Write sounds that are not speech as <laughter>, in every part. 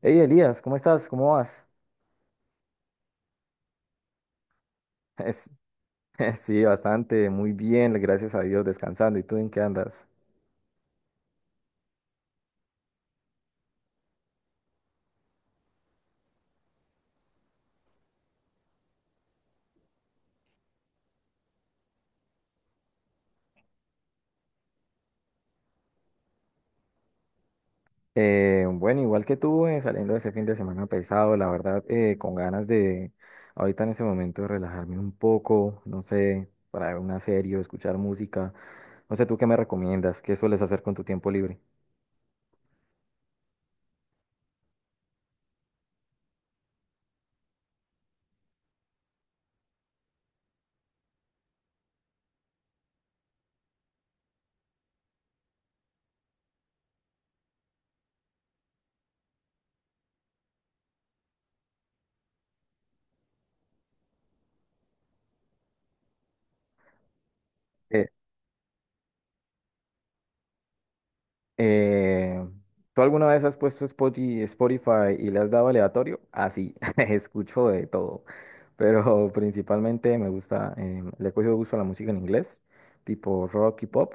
Hey Elías, ¿cómo estás? ¿Cómo vas? Es- <laughs> sí, bastante, muy bien, gracias a Dios, descansando. ¿Y tú en qué andas? Bueno, igual que tú, saliendo de ese fin de semana pesado, la verdad, con ganas de ahorita en ese momento de relajarme un poco, no sé, para ver una serie o escuchar música. No sé, ¿tú qué me recomiendas? ¿Qué sueles hacer con tu tiempo libre? Eh, ¿Tú alguna vez has puesto Spotify y le has dado aleatorio? Ah, sí, <laughs> escucho de todo, pero principalmente me gusta, le he cogido gusto a la música en inglés, tipo rock y pop,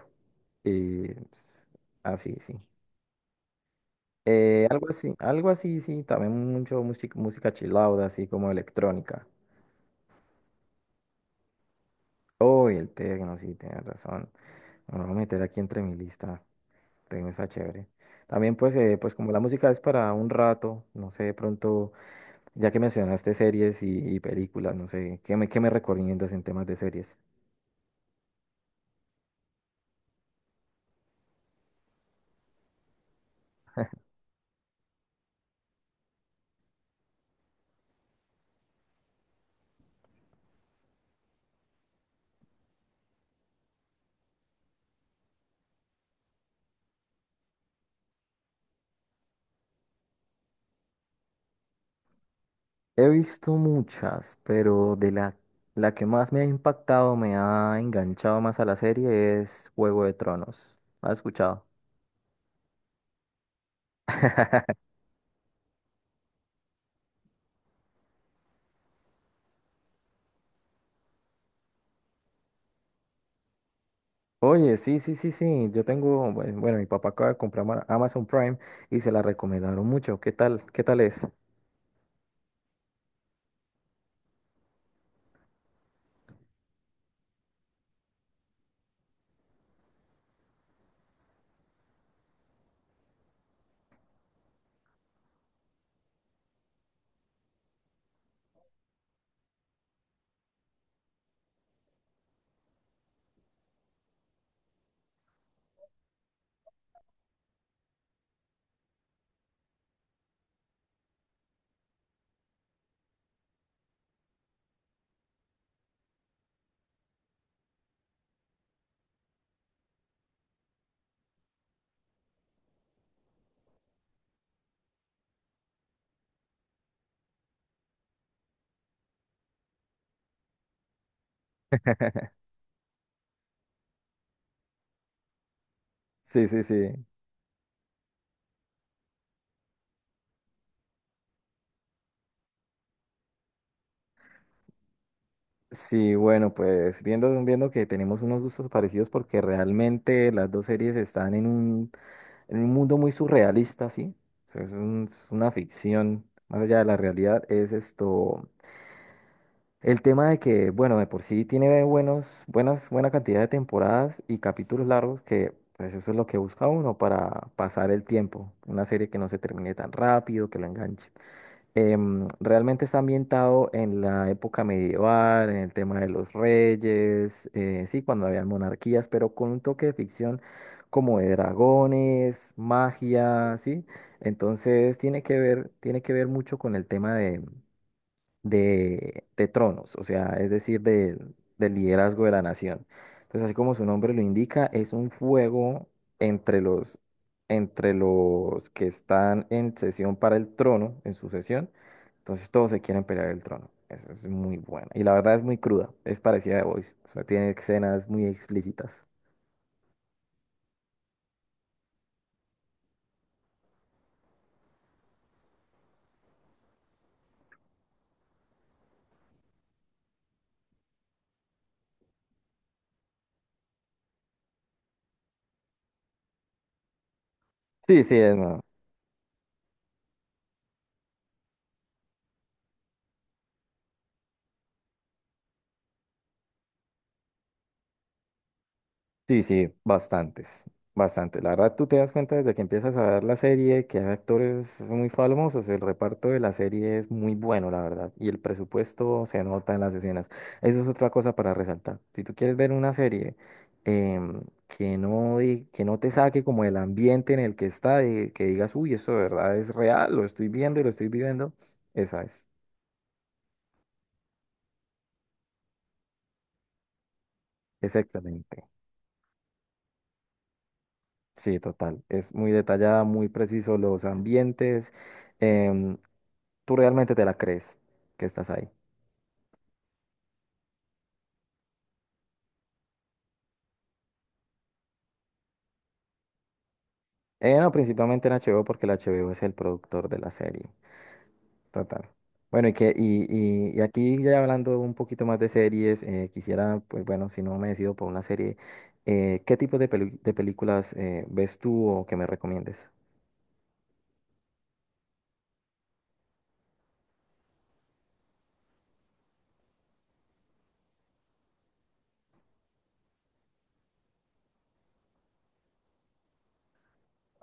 y pues, así, sí. Algo así, algo así, sí, también mucho música, música chill out, así como electrónica. Oh, y el techno, sí, tienes razón. Me lo voy a meter aquí entre mi lista, techno está chévere. También pues, pues como la música es para un rato, no sé, de pronto. Ya que mencionaste series y películas, no sé, ¿qué me recomiendas en temas de series? He visto muchas, pero la que más me ha impactado, me ha enganchado más a la serie es Juego de Tronos. ¿Has escuchado? Oye, sí, sí, sí, sí, yo tengo, bueno, mi papá acaba de comprar Amazon Prime y se la recomendaron mucho. ¿Qué tal? ¿Qué tal es? <laughs> Sí, sí, sí. Sí, bueno, pues viendo que tenemos unos gustos parecidos porque realmente las dos series están en en un mundo muy surrealista, ¿sí? O sea, es una ficción, más allá de la realidad, es esto, el tema de que, bueno, de por sí tiene buena cantidad de temporadas y capítulos largos que, pues eso es lo que busca uno para pasar el tiempo, una serie que no se termine tan rápido, que lo enganche. Realmente está ambientado en la época medieval, en el tema de los reyes, sí, cuando habían monarquías, pero con un toque de ficción como de dragones, magia, sí. Entonces tiene que ver mucho con el tema de tronos, o sea, es decir, del liderazgo de la nación. Entonces, así como su nombre lo indica, es un fuego entre entre los que están en sesión para el trono, en sucesión. Entonces, todos se quieren pelear el trono. Eso es muy bueno. Y la verdad es muy cruda, es parecida a The Voice. O sea, tiene escenas muy explícitas. Sí, sí, es, no. Sí, sí, bastantes, bastantes. La verdad, tú te das cuenta desde que empiezas a ver la serie que hay actores muy famosos. El reparto de la serie es muy bueno, la verdad. Y el presupuesto se nota en las escenas. Eso es otra cosa para resaltar. Si tú quieres ver una serie em, que no, que no te saque como el ambiente en el que está, de que digas, uy, eso de verdad es real, lo estoy viendo y lo estoy viviendo, esa es. Es excelente. Sí, total. Es muy detallada, muy preciso los ambientes. em, Tú realmente te la crees que estás ahí. No, principalmente en HBO porque el HBO es el productor de la serie. Total. Bueno, y aquí ya hablando un poquito más de series, quisiera, pues bueno, si no me decido por una serie, ¿qué tipo de, de películas ves tú o que me recomiendes?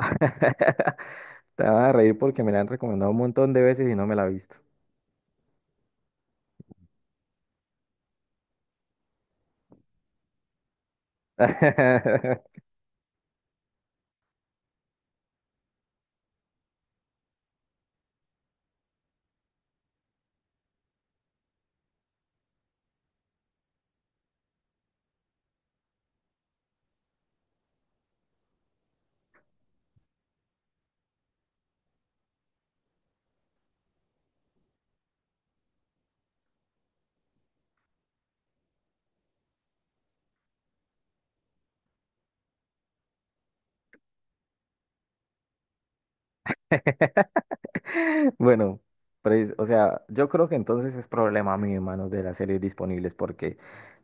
<laughs> Te vas a reír porque me la han recomendado un montón de veces y no me la he visto. <laughs> Bueno, pues, o sea, yo creo que entonces es problema mío, hermanos, de las series disponibles, porque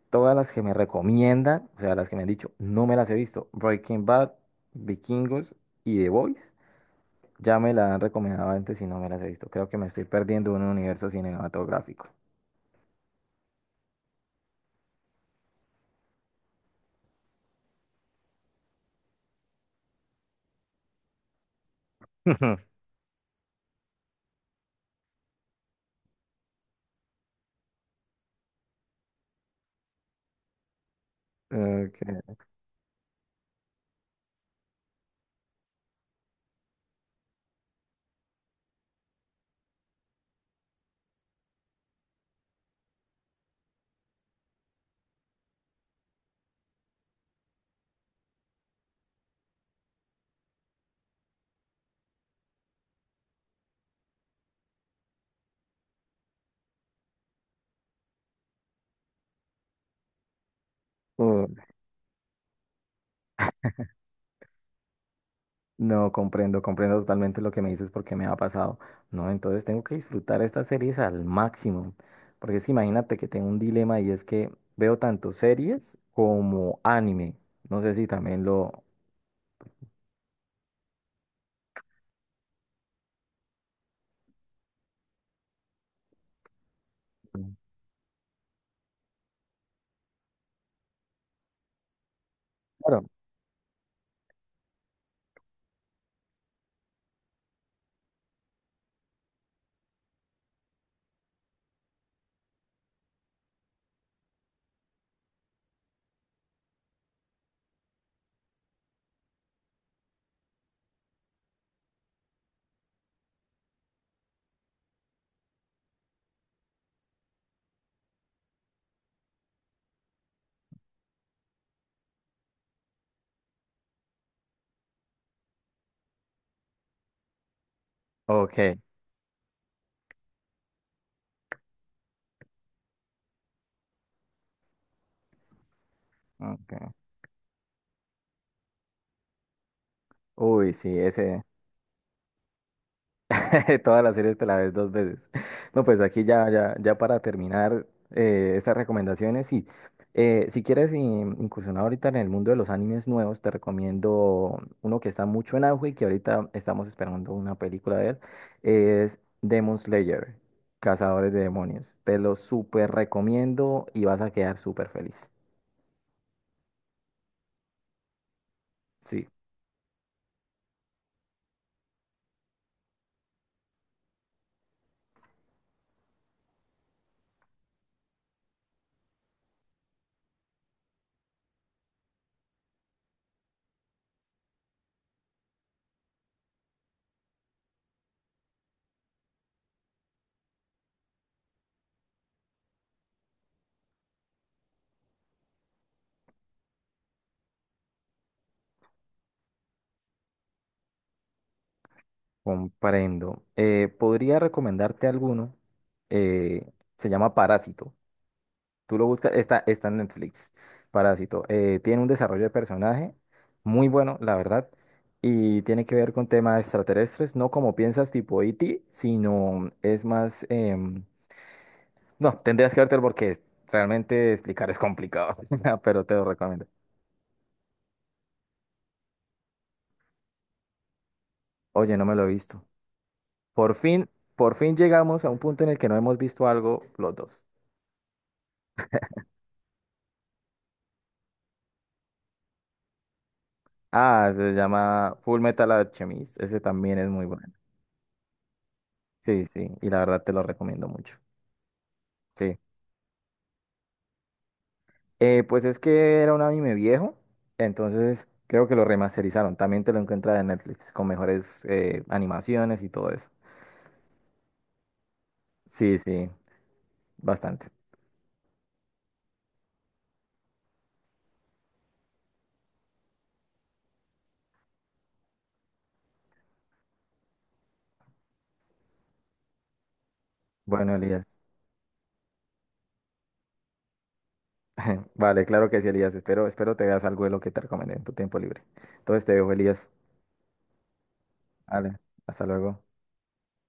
todas las que me recomiendan, o sea, las que me han dicho, no me las he visto. Breaking Bad, Vikingos y The Boys, ya me la han recomendado antes y no me las he visto. Creo que me estoy perdiendo un universo cinematográfico. <laughs> Ok. Uh, no comprendo, comprendo totalmente lo que me dices porque me ha pasado. No, entonces tengo que disfrutar estas series al máximo. Porque es que imagínate que tengo un dilema y es que veo tanto series como anime. No sé si también lo... Claro. Ok. Ok. Uy, sí, ese, <laughs> todas las series te la ves dos veces. <laughs> No, pues aquí ya, ya, ya para terminar estas recomendaciones, y si quieres incursionar ahorita en el mundo de los animes nuevos, te recomiendo uno que está mucho en auge y que ahorita estamos esperando una película de él, es Demon Slayer, Cazadores de Demonios. Te lo súper recomiendo y vas a quedar súper feliz. Sí, comprendo. Podría recomendarte alguno, eh, se llama Parásito. Tú lo buscas, está, está en Netflix, Parásito. Tiene un desarrollo de personaje muy bueno, la verdad, y tiene que ver con temas extraterrestres, no como piensas tipo E.T., sino es más... em, no, tendrías que vértelo porque realmente explicar es complicado, <laughs> pero te lo recomiendo. Oye, no me lo he visto. Por fin, por fin llegamos a un punto en el que no hemos visto algo los dos. Ah, se llama Full Metal Alchemist, ese también es muy bueno. Sí, sí, y la verdad te lo recomiendo mucho. Sí. Pues es que era un anime viejo, entonces creo que lo remasterizaron. También te lo encuentras en Netflix con mejores animaciones y todo eso. Sí, sí, bastante. Bueno, Elías. <laughs> Vale, claro que sí, Elías. Espero, espero te veas algo de lo que te recomendé en tu tiempo libre. Entonces te dejo, Elías. Vale, hasta luego.